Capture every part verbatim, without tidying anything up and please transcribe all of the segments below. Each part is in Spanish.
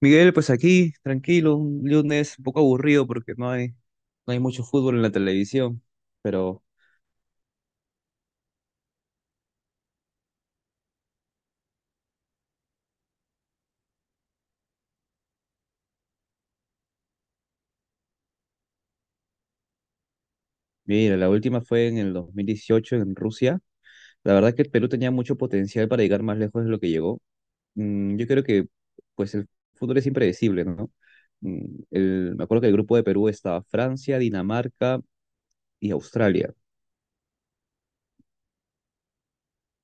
Miguel, pues aquí, tranquilo, un lunes un poco aburrido porque no hay, no hay mucho fútbol en la televisión. Pero mira, la última fue en el dos mil dieciocho en Rusia. La verdad que el Perú tenía mucho potencial para llegar más lejos de lo que llegó. Mm, yo creo que pues el fútbol es impredecible, ¿no? Mm, el- Me acuerdo que el grupo de Perú estaba Francia, Dinamarca y Australia.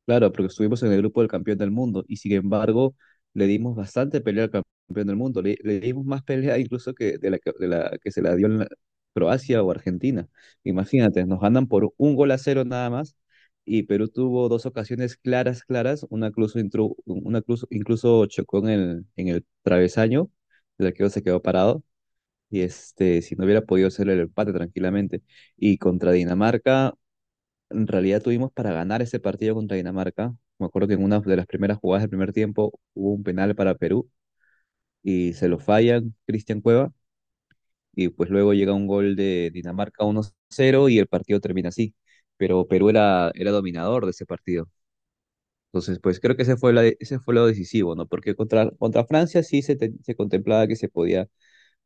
Claro, porque estuvimos en el grupo del campeón del mundo y sin embargo le dimos bastante pelea al campeón del mundo. Le, le dimos más pelea incluso que de la, que- de la que se la dio en la- Croacia o Argentina. Imagínate, nos ganan por un gol a cero nada más y Perú tuvo dos ocasiones claras, claras. Una incluso, intru- una incluso, incluso chocó en el, en el travesaño, el arquero se quedó parado y este, si no hubiera podido hacer el empate tranquilamente. Y contra Dinamarca en realidad tuvimos para ganar ese partido contra Dinamarca. Me acuerdo que en una de las primeras jugadas del primer tiempo hubo un penal para Perú y se lo fallan Cristian Cueva y pues luego llega un gol de Dinamarca uno cero y el partido termina así. Pero Perú era, era dominador de ese partido. Entonces, pues creo que ese fue, la, ese fue lo decisivo, ¿no? Porque contra, contra Francia sí se, te- se contemplaba que se podía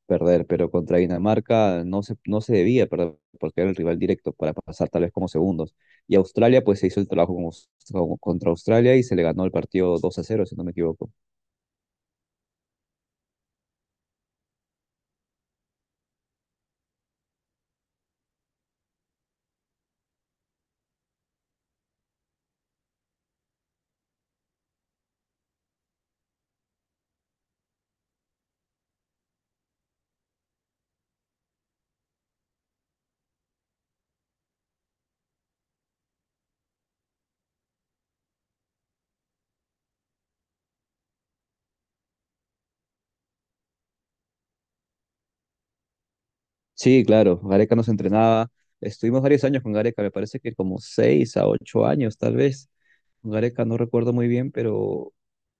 perder, pero contra Dinamarca no se, no se debía perder porque era el rival directo para pasar tal vez como segundos. Y Australia pues se hizo el trabajo como- como- contra Australia y se le ganó el partido dos a cero, si no me equivoco. Sí, claro, Gareca nos entrenaba, estuvimos varios años con Gareca, me parece que como seis a ocho años tal vez. Gareca no recuerdo muy bien, pero,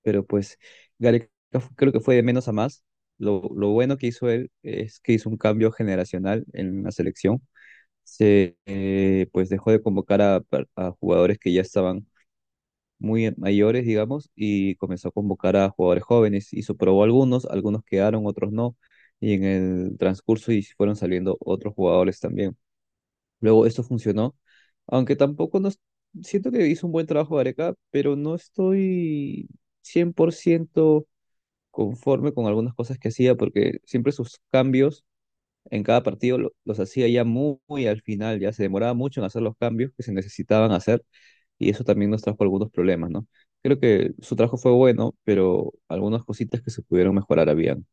pero pues Gareca fu- creo que fue de menos a más. Lo, lo bueno que hizo él es que hizo un cambio generacional en la selección, se eh, pues dejó de convocar a, per- a jugadores que ya estaban muy mayores, digamos, y comenzó a convocar a jugadores jóvenes y probó algunos, algunos quedaron, otros no, y en el transcurso y fueron saliendo otros jugadores también. Luego esto funcionó, aunque tampoco nos siento que hizo un buen trabajo Gareca, pero no estoy cien por ciento conforme con algunas cosas que hacía porque siempre sus cambios en cada partido lo- los hacía ya muy, muy al final, ya se demoraba mucho en hacer los cambios que se necesitaban hacer y eso también nos trajo algunos problemas, ¿no? Creo que su trabajo fue bueno, pero algunas cositas que se pudieron mejorar habían.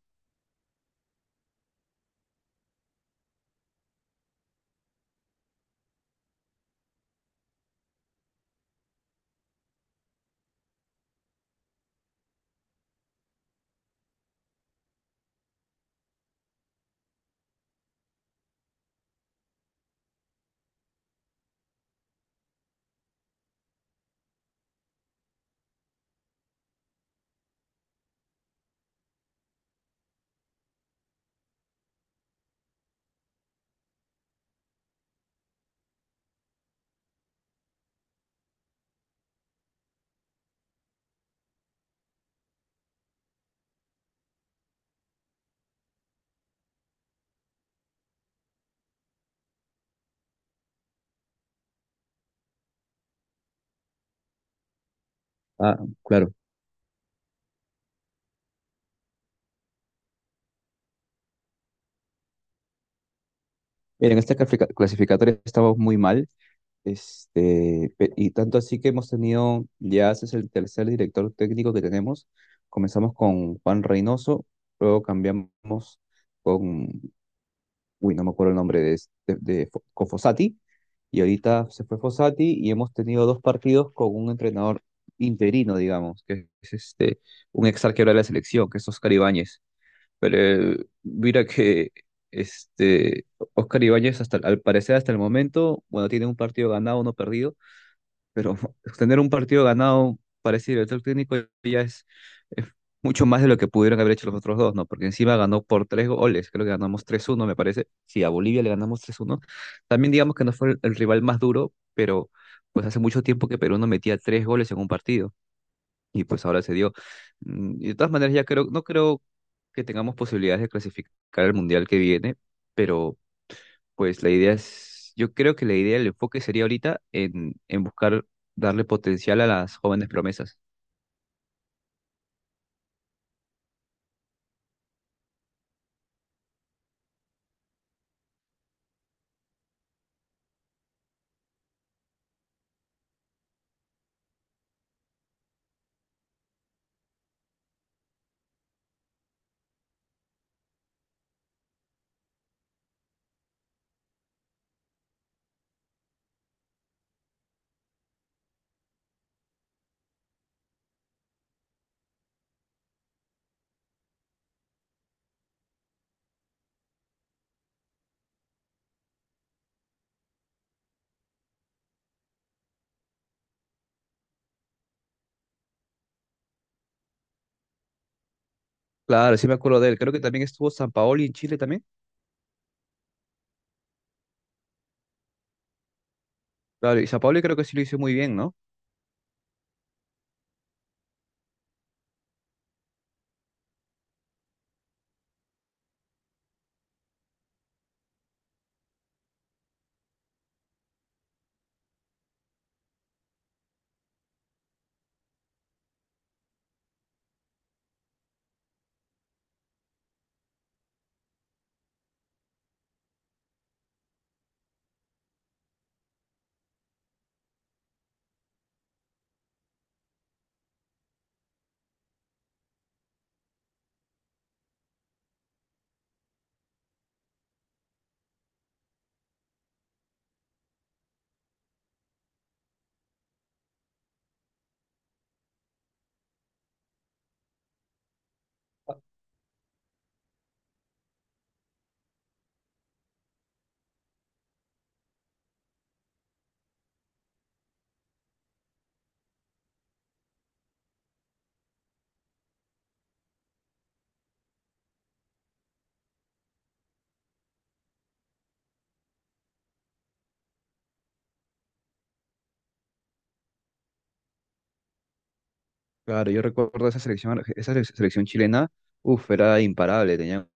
Ah, claro. Mira, en esta clasifica- clasificatoria estamos muy mal, este, pe- y tanto así que hemos tenido, ya ese es el tercer director técnico que tenemos. Comenzamos con Juan Reynoso, luego cambiamos con uy, no me acuerdo el nombre de, es- de, de Fo- con Fossati, y ahorita se fue Fossati y hemos tenido dos partidos con un entrenador interino, digamos, que es este, un ex arquero de la selección, que es Oscar Ibáñez. Pero eh, mira que este, Oscar Ibáñez, hasta, al parecer hasta el momento, bueno, tiene un partido ganado, uno perdido, pero tener un partido ganado parecido el director técnico ya es, es mucho más de lo que pudieron haber hecho los otros dos, ¿no? Porque encima ganó por tres goles, creo que ganamos tres uno me parece. Sí, a Bolivia le ganamos tres uno. También digamos que no fue el, el rival más duro, pero pues hace mucho tiempo que Perú no metía tres goles en un partido y pues ahora se dio. Mm, Y de todas maneras ya creo, no creo que tengamos posibilidades de clasificar al Mundial que viene, pero pues la idea es, yo creo que la idea, el enfoque sería ahorita en, en buscar darle potencial a las jóvenes promesas. Claro, sí me acuerdo de él. Creo que también estuvo San Paoli en Chile también. Claro, y San Paoli creo que sí lo hizo muy bien, ¿no? Claro, yo recuerdo esa selección, arge- esa sele- selección chilena, uff, era imparable, tenían,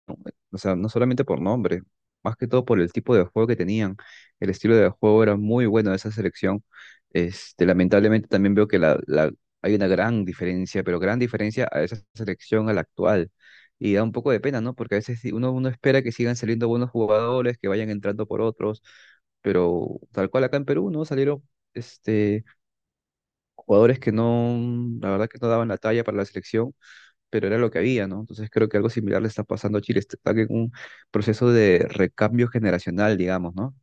o sea, no solamente por nombre, más que todo por el tipo de juego que tenían, el estilo de juego era muy bueno de esa selección, este, lamentablemente también veo que la, la- hay una gran diferencia, pero gran diferencia a esa selección a la actual, y da un poco de pena, ¿no? Porque a veces sí, uno, uno espera que sigan saliendo buenos jugadores, que vayan entrando por otros, pero tal cual acá en Perú, ¿no? Salieron, este jugadores que no, la verdad que no daban la talla para la selección, pero era lo que había, ¿no? Entonces creo que algo similar le está pasando a Chile, está está en un proceso de recambio generacional, digamos, ¿no?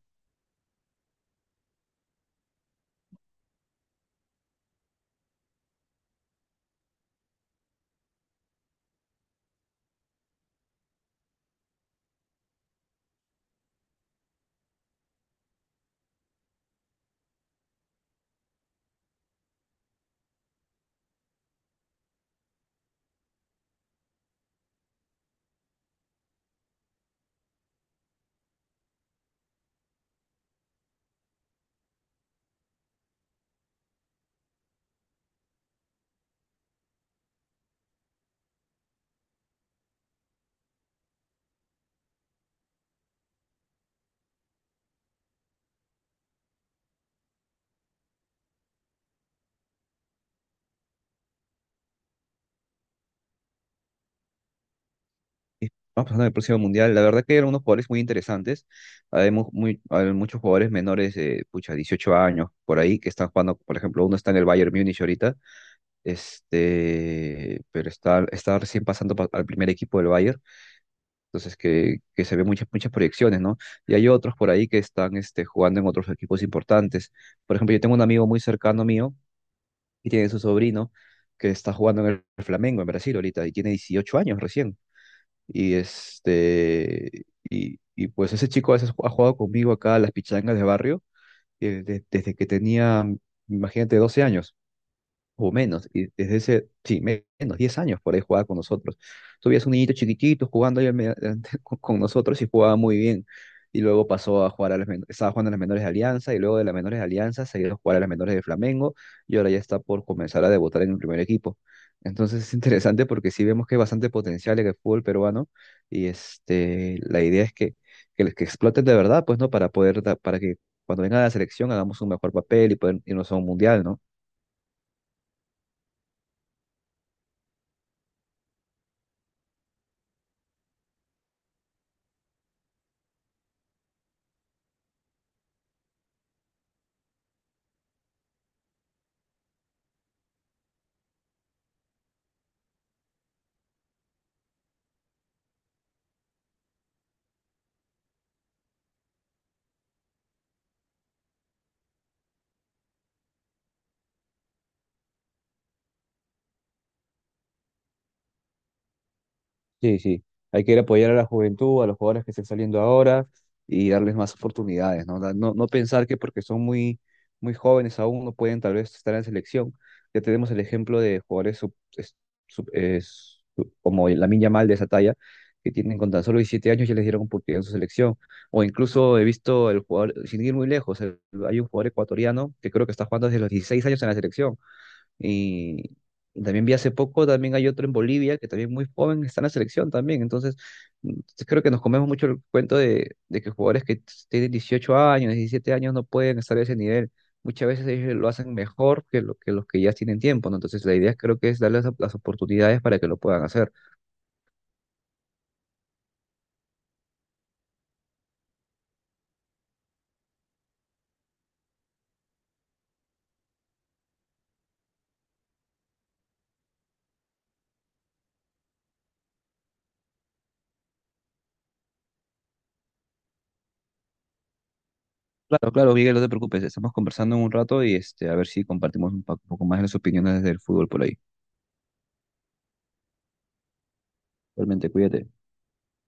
Y Vamos pasando al próximo mundial. La verdad que eran unos jugadores muy interesantes. Hay, mu- muy, hay muchos jugadores menores de, pucha, 18 años por ahí que están jugando. Por ejemplo, uno está en el Bayern Múnich ahorita, este, pero está, está recién pasando pa- al primer equipo del Bayern. Entonces, que, que se ve muchas, muchas proyecciones, ¿no? Y hay otros por ahí que están este, jugando en otros equipos importantes. Por ejemplo, yo tengo un amigo muy cercano mío y tiene su sobrino que está jugando en el Flamengo, en Brasil ahorita, y tiene dieciocho años recién. Y, este, y, y pues ese chico a veces ha jugado conmigo acá a las pichangas de barrio eh, de- desde que tenía, imagínate, doce años o menos, y desde ese, sí, me- menos, diez años por ahí jugaba con nosotros. Tú veías un niñito chiquitito jugando ahí al me- con con nosotros y jugaba muy bien. Y luego pasó a jugar a las, men- estaba jugando a las menores de Alianza y luego de las menores de Alianza se ha ido a jugar a las menores de Flamengo y ahora ya está por comenzar a debutar en el primer equipo. Entonces es interesante porque sí vemos que hay bastante potencial en el fútbol peruano y este, la idea es que, que, los que exploten de verdad, pues, ¿no? Para poder, da- para que cuando venga a la selección hagamos un mejor papel y poder irnos a un mundial, ¿no? Sí, sí. Hay que ir a apoyar a la juventud, a los jugadores que estén saliendo ahora y darles más oportunidades, ¿no? Da- No, no pensar que porque son muy, muy jóvenes aún no pueden tal vez estar en selección. Ya tenemos el ejemplo de jugadores sub- es- sub- es- su- como Lamine Yamal de esa talla, que tienen con tan solo diecisiete años ya les dieron oportunidad en su selección. O incluso he visto el jugador, sin ir muy lejos, el- hay un jugador ecuatoriano que creo que está jugando desde los dieciséis años en la selección y, y también vi hace poco, también hay otro en Bolivia que también muy joven está en la selección también. Entonces, mm, creo que nos comemos mucho el cuento de, de que jugadores que t- tienen dieciocho años, diecisiete años no pueden estar a ese nivel. Muchas veces ellos lo hacen mejor que, lo, que los que ya tienen tiempo, ¿no? Entonces, la idea creo que es darles op- las oportunidades para que lo puedan hacer. Claro, claro, Miguel, no te preocupes, estamos conversando en un rato y este, a ver si compartimos un pa- un poco más las opiniones del fútbol por ahí. Realmente, cuídate.